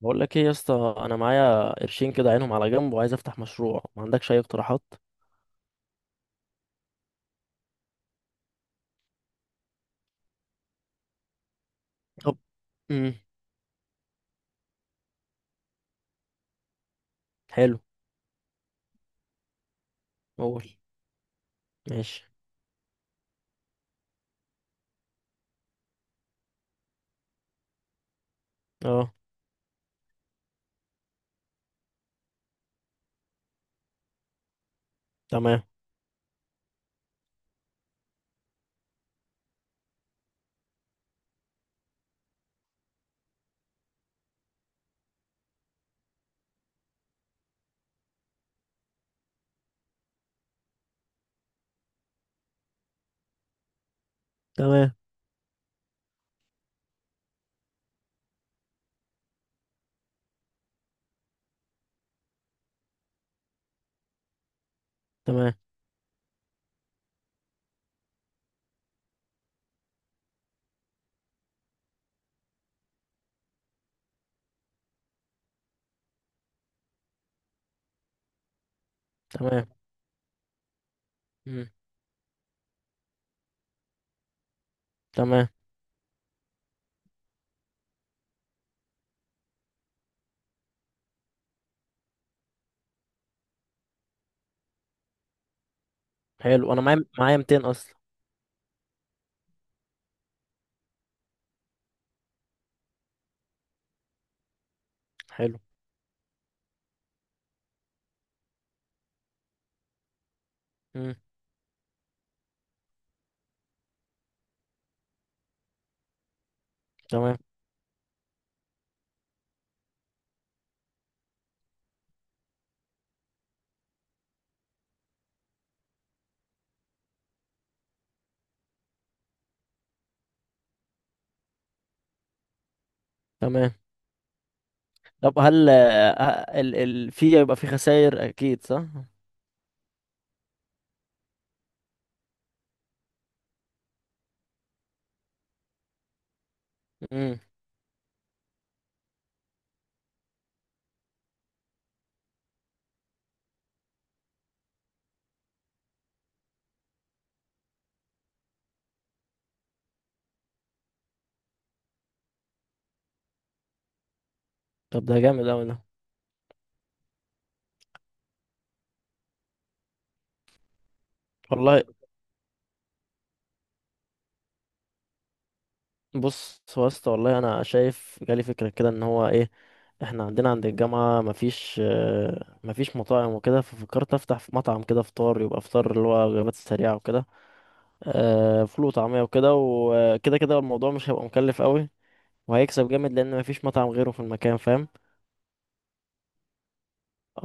بقول لك ايه يا اسطى، انا معايا قرشين كده عينهم على جنب وعايز افتح مشروع. ما عندكش اي اقتراحات؟ طب. امم حلو. قول. ماشي. اه. تمام. تمام. تمام. تمام. امم تمام. حلو، انا معايا 200 اصلا. حلو. امم تمام. تمام. طب، هل ال في، يبقى في خسائر اكيد، صح؟ امم طب ده جامد اوي ده. والله. بص، هو يا اسطى والله انا شايف جالي فكره كده ان هو ايه، احنا عندنا عند الجامعة مفيش، مفيش مطاعم وكده، ففكرت افتح في مطعم كده فطار، يبقى فطار اللي هو وجبات سريعة وكده. فول وطعمية وكده وكده كده، الموضوع مش هيبقى مكلف قوي، وهيكسب جامد لان مفيش مطعم غيره في المكان، فاهم؟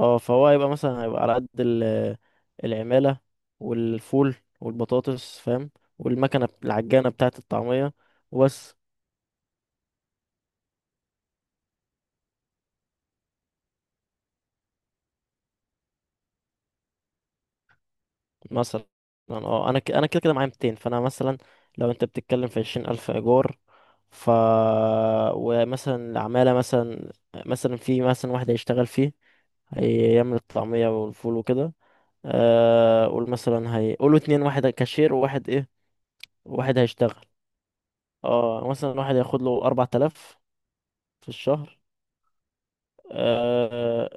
اه، فهو هيبقى مثلا، هيبقى على قد العمالة والفول والبطاطس، فاهم؟ والمكنة العجانة بتاعة الطعمية، وبس. مثلا اه، انا انا كده كده معايا 200، فانا مثلا لو انت بتتكلم في 20000 ايجار، ف، ومثلا العمالة مثلا، مثلا في مثلا واحد هيشتغل فيه، هيعمل الطعمية والفول وكده. قول مثلا هي، قولوا اتنين، واحد كاشير وواحد ايه، واحد هيشتغل. اه، مثلا واحد هياخد له 4000 في الشهر. آه،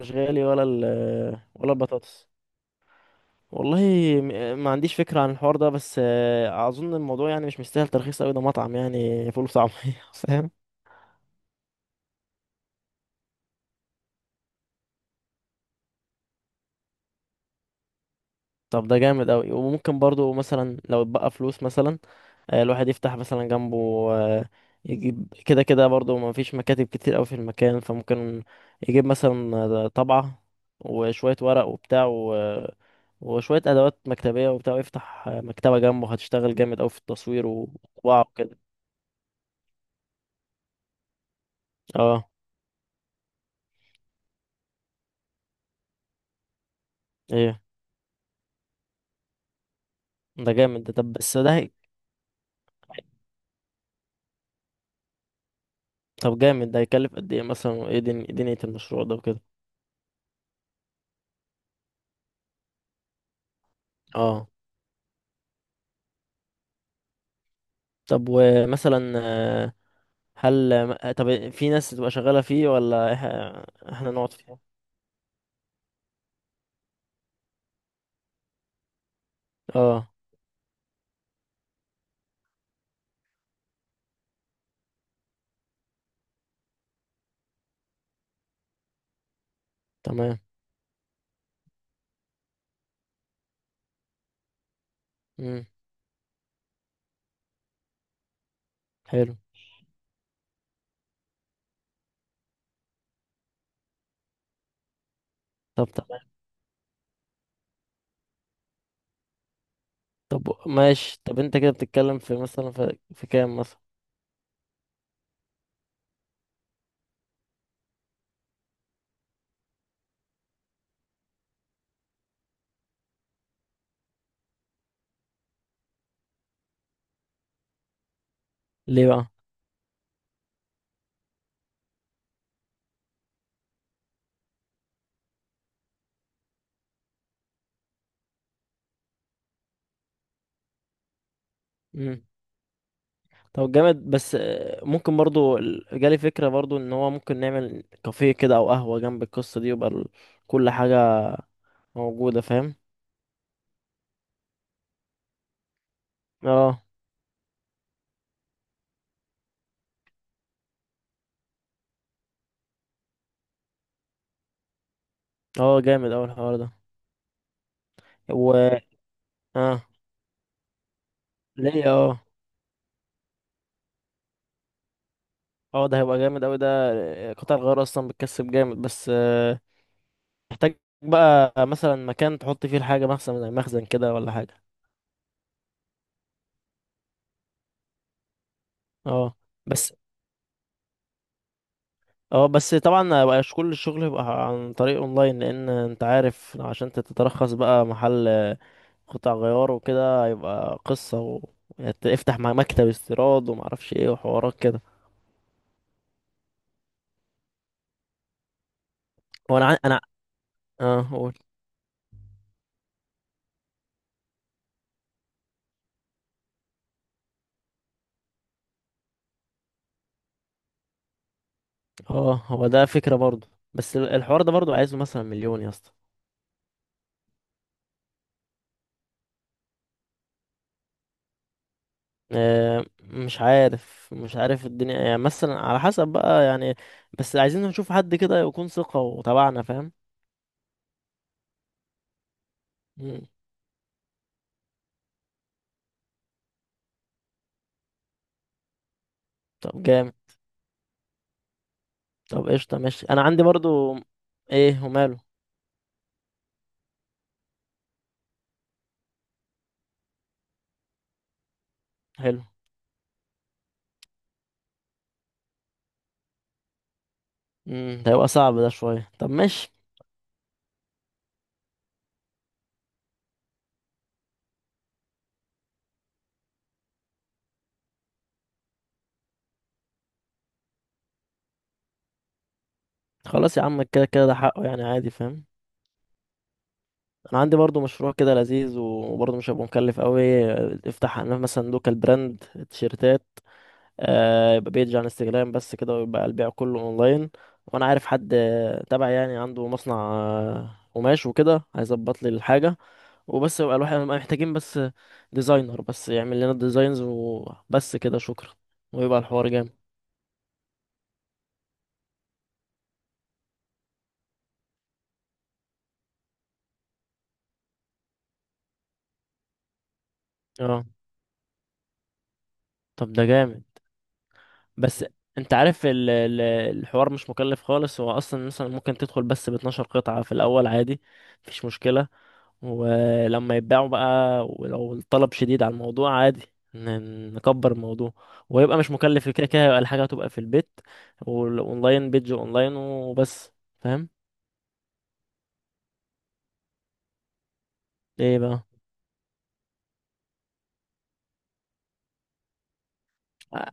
مش غالي ولا ولا البطاطس. والله، ما عنديش فكرة عن الحوار ده، بس أظن الموضوع يعني مش مستاهل ترخيص أوي، ده مطعم يعني فول وطعمية. فاهم؟ طب ده جامد أوي. وممكن برضو مثلا لو اتبقى فلوس مثلا، الواحد يفتح مثلا جنبه، آه، يجيب كده كده برضو، ما فيش مكاتب كتير أوي في المكان، فممكن يجيب مثلا طبعة وشوية ورق وبتاع وشوية أدوات مكتبية وبتاع، ويفتح مكتبة جنبه، هتشتغل جامد أوي في التصوير وطباعة وكده. اه. ايه، ده جامد ده. طب بس ده. طب جامد ده، هيكلف قد ايه مثلا؟ وايه دنيا المشروع ده وكده؟ اه. طب ومثلا هل طب في ناس تبقى شغالة فيه، ولا احنا نقعد فيه؟ اه. تمام. امم حلو. طب تمام. طب ماشي. طب انت كده بتتكلم في مثلا في كام مثلا؟ ليه بقى؟ امم طب جامد، بس آه، ممكن برضو ال- جالي فكرة برضو ان هو ممكن نعمل كافيه كده او قهوة جنب القصة دي، ويبقى كل حاجة موجودة، فاهم؟ اه. اه جامد اوي الحوار ده. اه. ليه اه. اه، ده هيبقى جامد اوي ده. قطع الغيار اصلا بتكسب جامد، بس محتاج بقى مثلا مكان تحط فيه الحاجة، مخزن زي مخزن كده ولا حاجة. اه. بس اه، بس طبعا مبقاش كل الشغل يبقى عن طريق اونلاين، لان انت عارف عشان تترخص بقى محل قطع غيار وكده، هيبقى قصة افتح مع مكتب استيراد ومعرفش ايه وحوارات كده. هو انا انا. اه قول. اه، هو ده فكرة برضه، بس الحوار ده برضه عايزه مثلا مليون يا اسطى. مش عارف، مش عارف الدنيا إيه. يعني مثلا على حسب بقى يعني. بس عايزين نشوف حد كده يكون ثقة وتبعنا، فاهم؟ مم. طب جامد. طب قشطة، ماشي، أنا عندي برضو. إيه وماله؟ حلو. مم. ده هيبقى صعب ده شوية، طب ماشي. خلاص يا عم، كده كده ده حقه يعني، عادي، فاهم؟ أنا عندي برضو مشروع كده لذيذ، وبرضو مش هيبقى مكلف قوي. افتح أنا مثلا لوكال براند، تيشيرتات. يبقى بيج عن انستجرام بس كده، ويبقى البيع كله اونلاين. وانا عارف حد تبع يعني عنده مصنع قماش وكده، هيظبط لي الحاجه. وبس، يبقى الواحد نبقى محتاجين بس ديزاينر بس يعمل لنا الديزاينز، وبس كده، شكرا. ويبقى الحوار جامد. اه. طب ده جامد. بس انت عارف الحوار مش مكلف خالص، هو اصلا مثلا ممكن تدخل بس ب 12 قطعه في الاول، عادي، مفيش مشكله. ولما يتباعوا بقى، ولو الطلب شديد على الموضوع، عادي، نكبر الموضوع. ويبقى مش مكلف، كده كده يبقى الحاجة هتبقى في البيت، والاونلاين بيج اونلاين وبس، فاهم؟ ايه بقى؟ آه.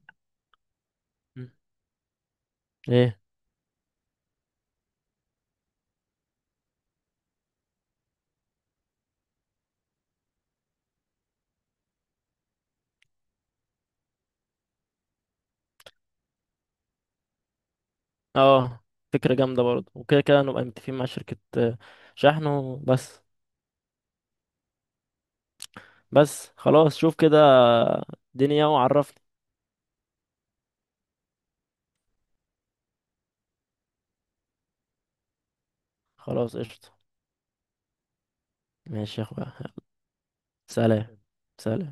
م. ايه اه، فكرة جامدة برضه. وكده كده نبقى متفقين مع شركة شحن وبس. بس خلاص، شوف كده دنيا وعرفني. خلاص قشطة، ماشي يا اخويا. سلام. سلام.